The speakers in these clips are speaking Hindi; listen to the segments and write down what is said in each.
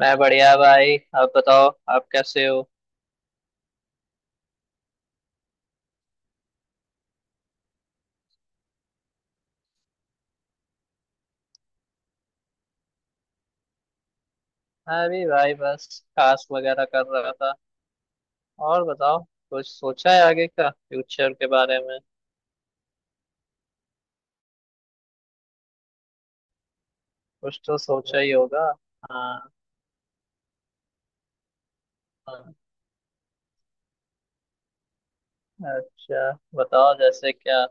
मैं बढ़िया भाई। आप बताओ, आप कैसे हो? मैं भी भाई, बस कास्ट वगैरह कर रहा था। और बताओ, कुछ सोचा है आगे का फ्यूचर के बारे में? कुछ तो सोचा ही होगा। हाँ। हाँ। अच्छा, बताओ जैसे क्या।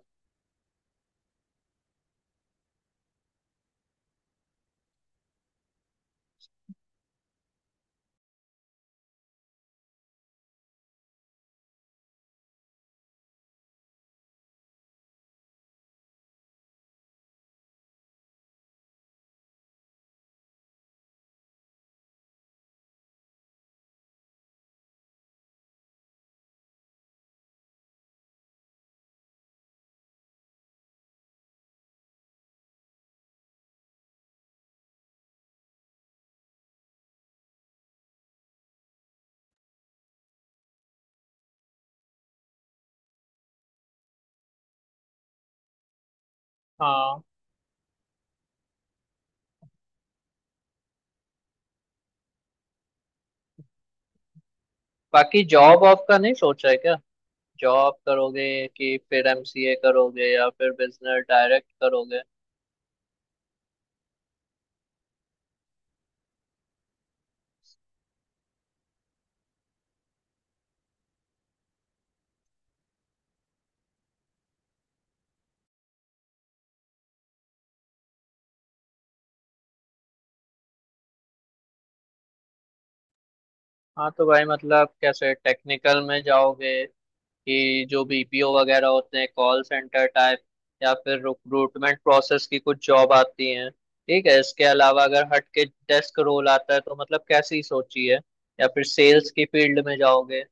हाँ। बाकी जॉब वॉब का नहीं सोचा है क्या? जॉब करोगे कि फिर एमसीए करोगे या फिर बिजनेस डायरेक्ट करोगे? हाँ तो भाई मतलब कैसे, टेक्निकल में जाओगे? कि जो बीपीओ वगैरह होते हैं कॉल सेंटर टाइप, या फिर रिक्रूटमेंट प्रोसेस की कुछ जॉब आती हैं, ठीक है। इसके अलावा अगर हट के डेस्क रोल आता है तो मतलब कैसी सोची है, या फिर सेल्स की फील्ड में जाओगे?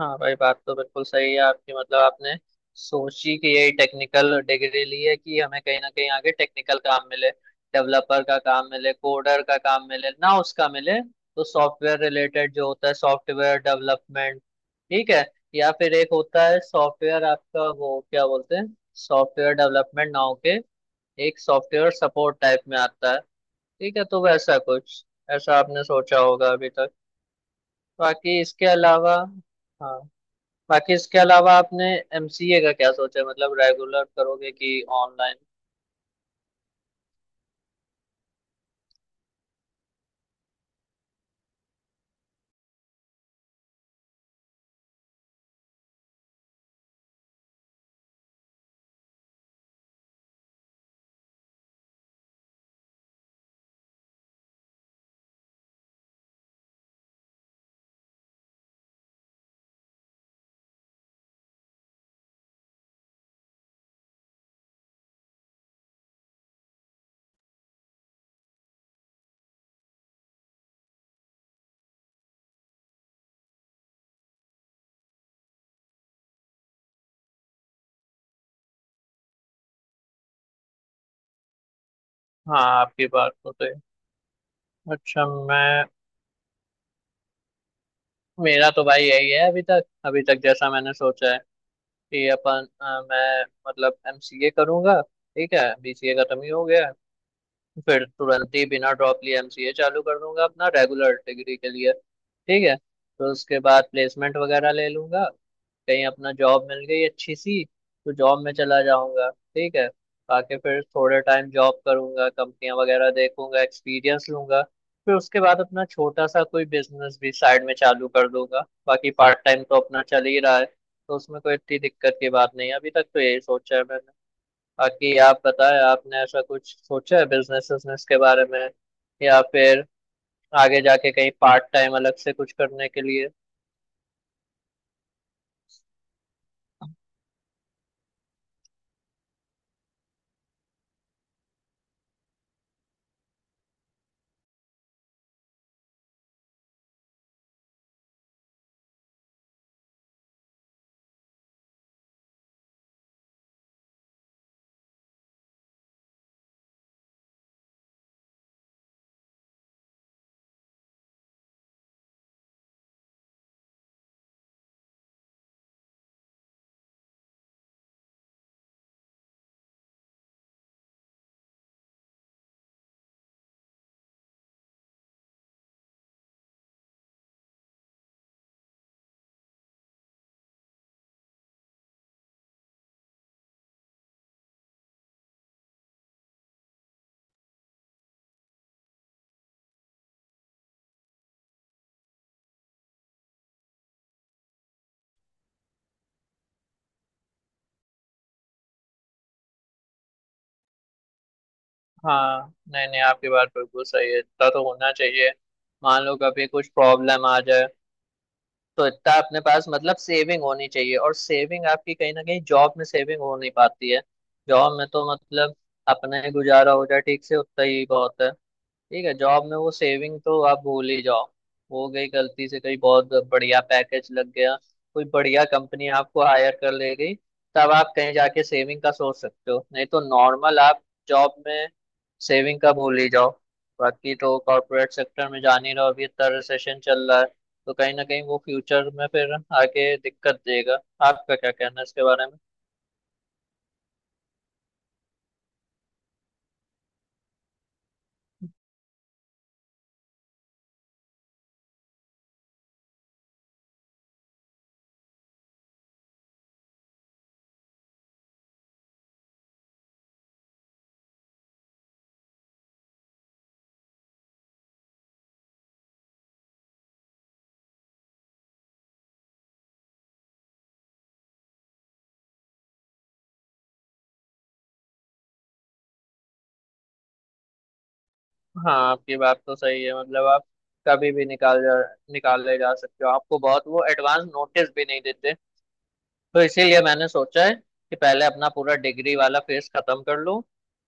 हाँ भाई, बात तो बिल्कुल सही है आपकी। मतलब आपने सोची कि यही टेक्निकल डिग्री ली है कि हमें कहीं ना कहीं आगे टेक्निकल काम मिले, डेवलपर का काम मिले, कोडर का काम मिले। ना उसका मिले तो सॉफ्टवेयर रिलेटेड जो होता है, सॉफ्टवेयर डेवलपमेंट, ठीक है। या फिर एक होता है सॉफ्टवेयर आपका, वो क्या बोलते हैं, सॉफ्टवेयर डेवलपमेंट ना होके एक सॉफ्टवेयर सपोर्ट टाइप में आता है, ठीक है। तो वैसा कुछ ऐसा आपने सोचा होगा अभी तक। बाकी इसके अलावा, हाँ, बाकी इसके अलावा आपने एमसीए का क्या सोचा है? मतलब रेगुलर करोगे कि ऑनलाइन? हाँ आपकी बात तो सही। अच्छा मैं, मेरा तो भाई यही है अभी तक। अभी तक जैसा मैंने सोचा है कि अपन मैं मतलब एमसीए करूंगा, ठीक है। बीसीए खत्म ही हो गया है। फिर तुरंत ही बिना ड्रॉप लिए एमसीए चालू कर दूंगा अपना, रेगुलर डिग्री के लिए, ठीक है। तो उसके बाद प्लेसमेंट वगैरह ले लूंगा, कहीं अपना जॉब मिल गई अच्छी सी तो जॉब में चला जाऊंगा, ठीक है। आके फिर थोड़े टाइम जॉब करूंगा, कंपनियां वगैरह देखूंगा, एक्सपीरियंस लूंगा। फिर उसके बाद अपना छोटा सा कोई बिजनेस भी साइड में चालू कर दूंगा। बाकी पार्ट टाइम तो अपना चल ही रहा है तो उसमें कोई इतनी दिक्कत की बात नहीं है। अभी तक तो यही सोचा है मैंने। बाकी आप बताएं, आपने ऐसा कुछ सोचा है बिजनेस बिजनेस के बारे में, या फिर आगे जाके कहीं पार्ट टाइम अलग से कुछ करने के लिए? हाँ, नहीं नहीं आपकी बात बिल्कुल सही है, इतना तो होना चाहिए। मान लो कभी कुछ प्रॉब्लम आ जाए, तो इतना अपने पास मतलब सेविंग होनी चाहिए। और सेविंग आपकी कहीं ना कहीं जॉब में सेविंग हो नहीं पाती है। जॉब में तो मतलब अपना ही गुजारा हो जाए ठीक से उतना ही बहुत है, ठीक है। जॉब में वो सेविंग तो आप भूल ही जाओ। हो गई गलती से कहीं बहुत बढ़िया पैकेज लग गया, कोई बढ़िया कंपनी आपको हायर कर ले गई, तब आप कहीं जाके सेविंग का सोच सकते हो। नहीं तो नॉर्मल आप जॉब में सेविंग का भूल ही जाओ। बाकी तो कॉर्पोरेट सेक्टर में जान ही रहो, अभी इतना रिसेशन चल रहा है तो कहीं ना कहीं वो फ्यूचर में फिर आगे दिक्कत देगा। आपका क्या कहना है इसके बारे में? हाँ आपकी बात तो सही है। मतलब आप कभी भी निकाले जा सकते हो, आपको बहुत वो एडवांस नोटिस भी नहीं देते। तो इसीलिए मैंने सोचा है कि पहले अपना पूरा डिग्री वाला फेस खत्म कर लूं,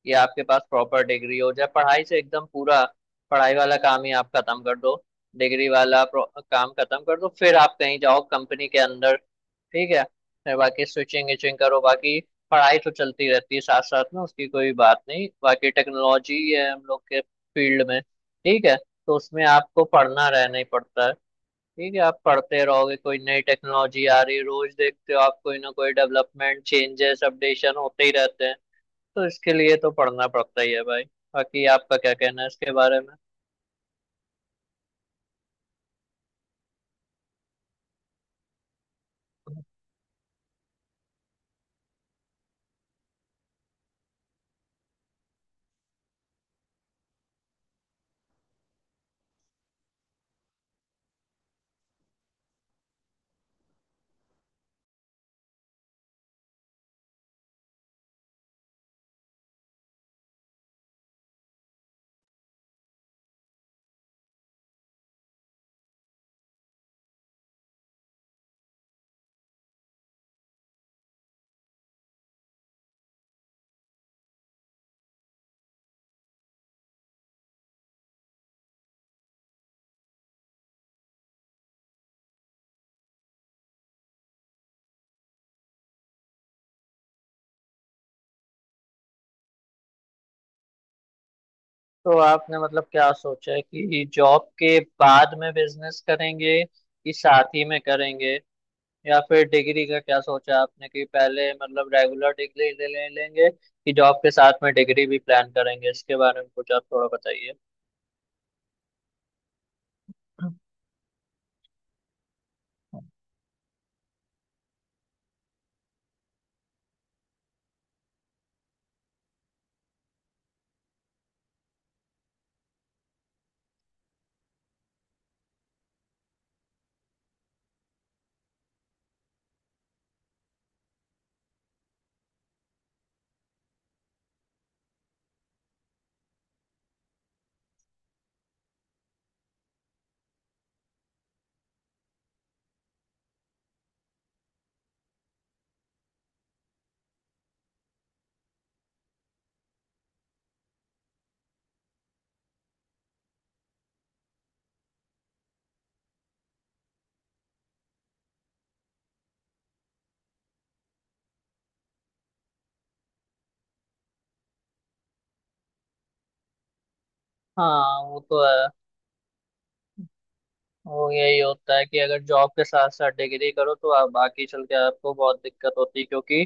कि आपके पास प्रॉपर डिग्री हो जाए, पढ़ाई से एकदम पूरा पढ़ाई वाला काम ही आप खत्म कर दो। डिग्री वाला काम खत्म कर दो, फिर आप कहीं जाओ कंपनी के अंदर, ठीक है। फिर बाकी स्विचिंग इचिंग करो। बाकी पढ़ाई तो चलती रहती है साथ साथ में, उसकी कोई बात नहीं। बाकी टेक्नोलॉजी है हम लोग के फील्ड में, ठीक है, तो उसमें आपको पढ़ना रहना ही पड़ता है, ठीक है। आप पढ़ते रहोगे, कोई नई टेक्नोलॉजी आ रही है, रोज देखते हो आप, कोई ना कोई डेवलपमेंट, चेंजेस, अपडेशन होते ही रहते हैं। तो इसके लिए तो पढ़ना पड़ता ही है भाई। बाकी आपका क्या कहना है इसके बारे में? तो आपने मतलब क्या सोचा है कि जॉब के बाद में बिजनेस करेंगे कि साथ ही में करेंगे? या फिर डिग्री का क्या सोचा आपने, कि पहले मतलब रेगुलर डिग्री ले लेंगे कि जॉब के साथ में डिग्री भी प्लान करेंगे? इसके बारे में कुछ आप थोड़ा बताइए। हाँ वो तो है। वो यही होता है कि अगर जॉब के साथ साथ डिग्री करो तो आप बाकी चल के आपको बहुत दिक्कत होती है, क्योंकि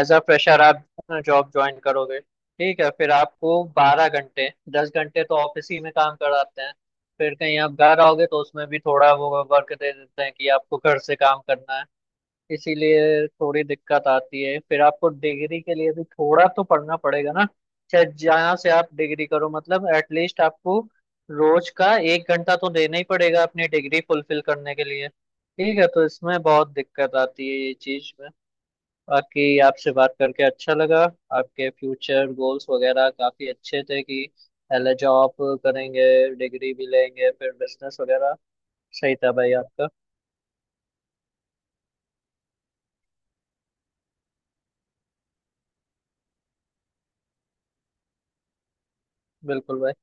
एज अ फ्रेशर आप जॉब ज्वाइन करोगे, ठीक है, फिर आपको 12 घंटे, 10 घंटे तो ऑफिस ही में काम कराते हैं। फिर कहीं आप घर आओगे तो उसमें भी थोड़ा वो वर्क दे देते हैं कि आपको घर से काम करना है। इसीलिए थोड़ी दिक्कत आती है। फिर आपको डिग्री के लिए भी थोड़ा तो पढ़ना पड़ेगा ना, चाहे जहाँ से आप डिग्री करो। मतलब एटलीस्ट आपको रोज का 1 घंटा तो देना ही पड़ेगा अपनी डिग्री फुलफिल करने के लिए, ठीक है। तो इसमें बहुत दिक्कत आती है, ये चीज में। बाकी आपसे बात करके अच्छा लगा। आपके फ्यूचर गोल्स वगैरह काफी अच्छे थे, कि पहले जॉब करेंगे, डिग्री भी लेंगे, फिर बिजनेस वगैरह। सही था भाई आपका। बिल्कुल भाई।